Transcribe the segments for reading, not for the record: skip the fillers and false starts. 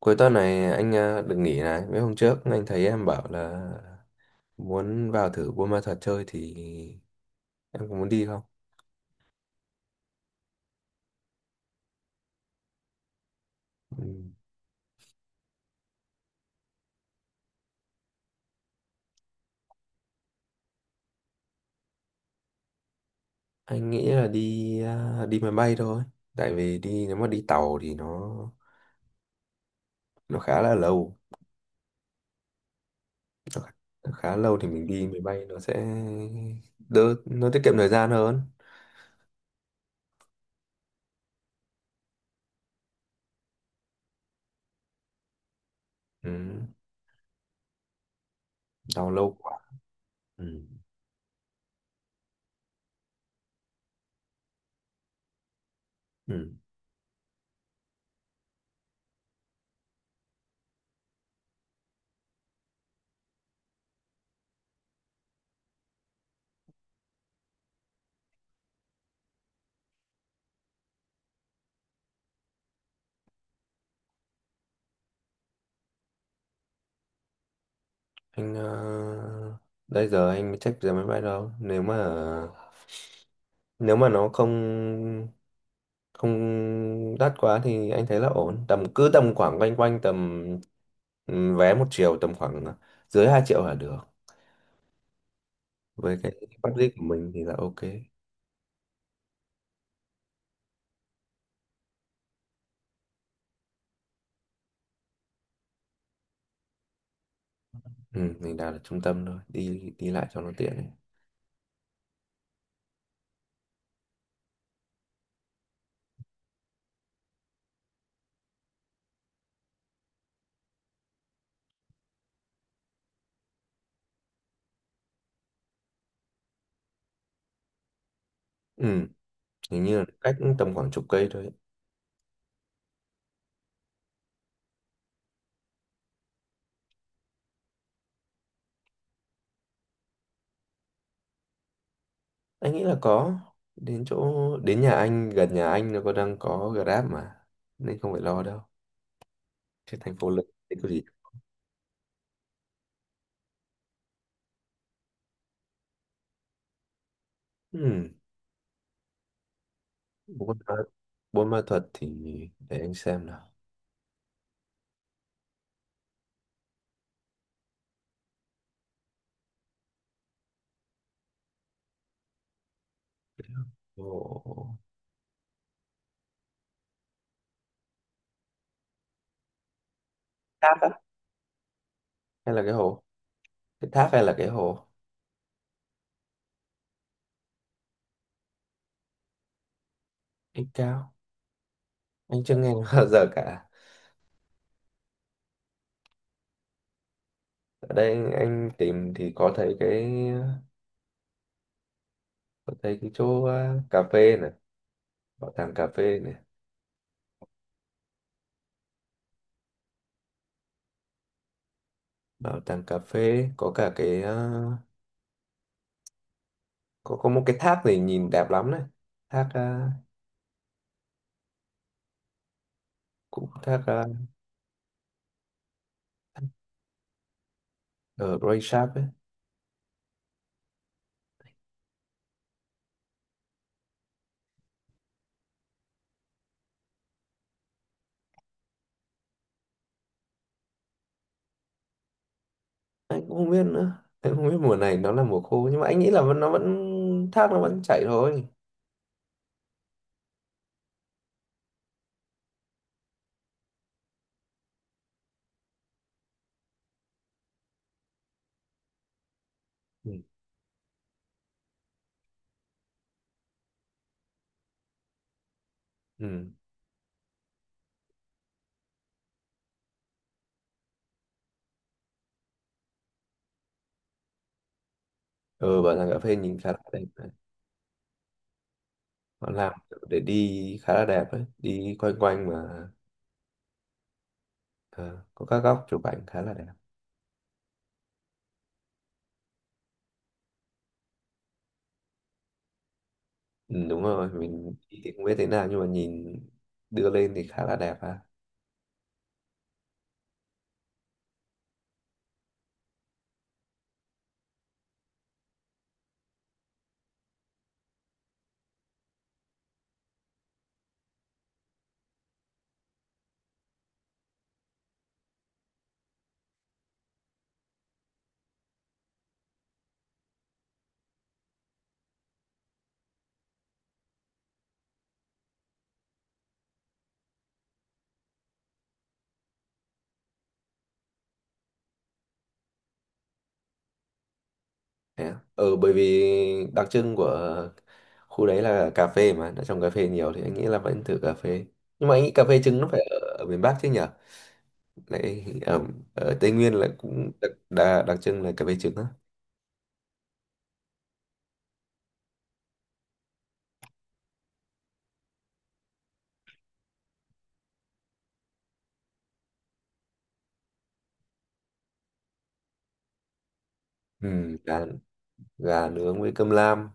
Cuối tuần này anh à, được nghỉ này. Mấy hôm trước anh thấy em bảo là muốn vào thử Buôn Ma Thuột chơi thì em có muốn đi không? Ừ. Anh nghĩ là đi máy bay thôi. Tại vì đi nếu mà đi tàu thì nó khá là lâu. Nó, khá- nó khá lâu thì mình đi máy bay nó sẽ đỡ nó tiết kiệm thời gian hơn. Ừ. Tàu lâu quá. Ừ. Ừ. Anh à, đây giờ anh mới check giờ máy bay đâu. Nếu mà nó không không đắt quá thì anh thấy là ổn, tầm cứ tầm khoảng quanh quanh tầm vé 1 triệu, tầm khoảng dưới 2 triệu là được với cái budget của mình thì là ok. Ừ, mình đặt ở trung tâm thôi, đi đi lại cho nó tiện ấy. Ừ, hình như là cách tầm khoảng chục cây thôi. Anh nghĩ là có. đến chỗ Đến nhà anh, gần nhà anh nó có đang có Grab mà, nên không phải lo đâu, chứ thành phố lớn thì có gì. Ừ. buôn ma, Buôn Ma Thuật thì để anh xem nào. Hồ tháp á hay là cái hồ, cái tháp hay là cái hồ? Ít cao, anh chưa nghe bao giờ cả. Ở đây anh tìm thì có thấy cái, có thấy cái chỗ cà phê này, bảo tàng cà phê này. Bảo tàng cà phê có cả có một cái tháp này nhìn đẹp lắm này. thác à, cũng thác à, ở Grey Shark ấy. Anh cũng không biết nữa, anh không biết mùa này nó là mùa khô, nhưng mà anh nghĩ là nó vẫn thác, nó vẫn chảy thôi. Ừ. Ừ. Ừ, bảo rằng cà phê nhìn khá là đẹp đấy. Họ làm kiểu để đi khá là đẹp đấy. Đi quanh quanh mà ờ, có các góc chụp ảnh khá là đẹp. Ừ, đúng rồi, mình đi thì không biết thế nào nhưng mà nhìn đưa lên thì khá là đẹp ha. Thế à? Ừ, bởi vì đặc trưng của khu đấy là cà phê mà, đã trồng cà phê nhiều thì anh nghĩ là vẫn thử cà phê. Nhưng mà anh nghĩ cà phê trứng nó phải ở miền Bắc chứ nhở? Lại ở, ở Tây Nguyên là cũng đặc trưng là cà phê trứng á. Ừ, gà nướng với cơm lam.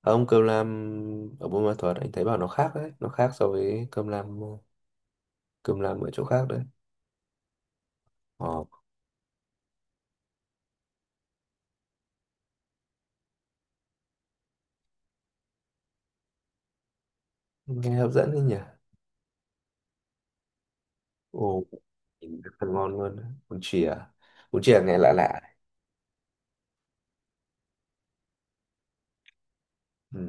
Ông cơm lam ở Buôn Ma Thuột anh thấy bảo nó khác đấy, nó khác so với cơm lam ở chỗ khác đấy. Ồ, nghe hấp dẫn đấy nhỉ. Ồ, nhìn rất là ngon luôn. Đấy. Bún chìa nghe lạ lạ. Ừ.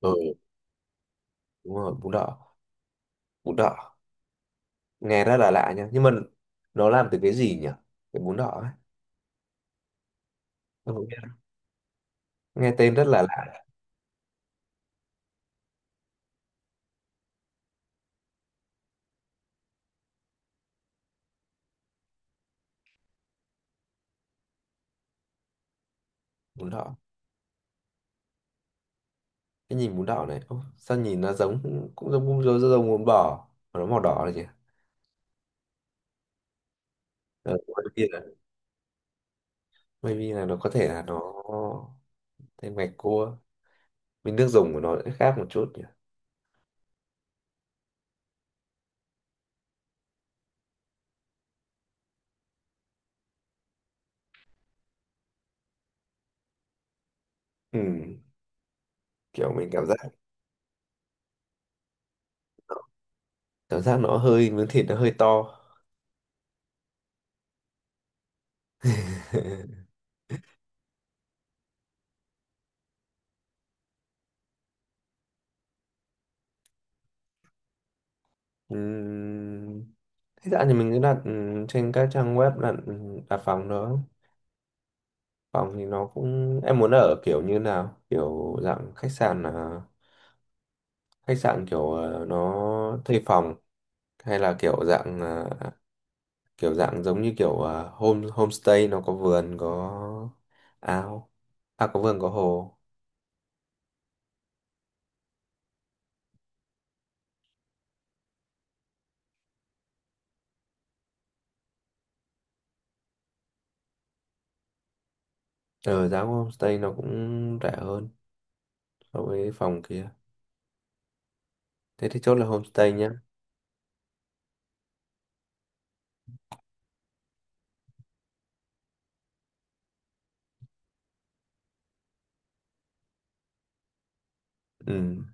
Ừ, đúng rồi, bún đỏ nghe rất là lạ nha. Nhưng mà nó làm từ cái gì nhỉ? Cái bún đỏ ấy. Ông có biết? Nghe tên rất là lạ, bún đỏ. Cái nhìn bún đỏ này, ô, sao nhìn nó giống, cũng giống bún, giống giống bún bò, mà nó màu đỏ này nhỉ? Ừ, maybe là nó, có thể là nó thế, ngạch cua với nước dùng của nó sẽ khác một chút nhỉ. Ừ. Kiểu mình cảm giác, cảm giác nó hơi, miếng thịt nó hơi to. Ừm, thế dạo thì mình cứ đặt trên các trang web đặt, đặt phòng đó. Phòng thì nó cũng, em muốn ở kiểu như nào? Kiểu dạng khách sạn là khách sạn kiểu nó thuê phòng, hay là kiểu dạng giống như kiểu homestay nó có vườn có ao, à có vườn có hồ. Ờ giá của homestay nó cũng rẻ hơn so với phòng kia. Thế thì chốt là homestay nhá. Ừ.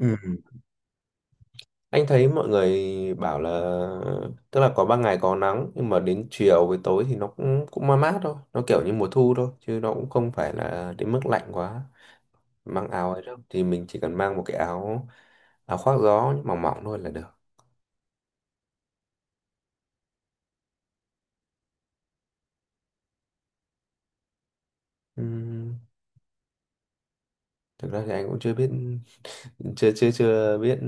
Ừ. Anh thấy mọi người bảo là, tức là có ban ngày có nắng nhưng mà đến chiều với tối thì nó cũng cũng mát mát thôi, nó kiểu như mùa thu thôi chứ nó cũng không phải là đến mức lạnh quá. Mang áo ấy đâu thì mình chỉ cần mang một cái áo, áo khoác gió mỏng mỏng thôi là được. Ừ. Thực ra thì anh cũng chưa biết, chưa chưa chưa biết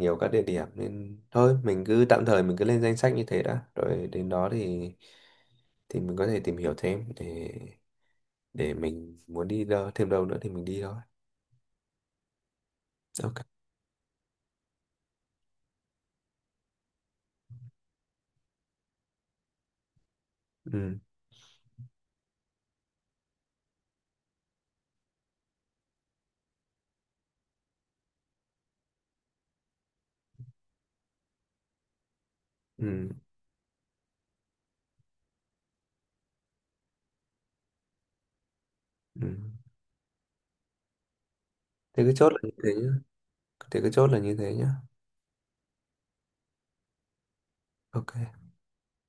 nhiều các địa điểm, nên thôi mình cứ tạm thời mình cứ lên danh sách như thế đã, rồi đến đó thì mình có thể tìm hiểu thêm để mình muốn đi đâu thêm đâu nữa thì mình đi thôi. Ok. Ừ. Ừ. Ừ. Thế cứ chốt là như thế nhá. Thế cứ chốt là như thế nhá. Ok.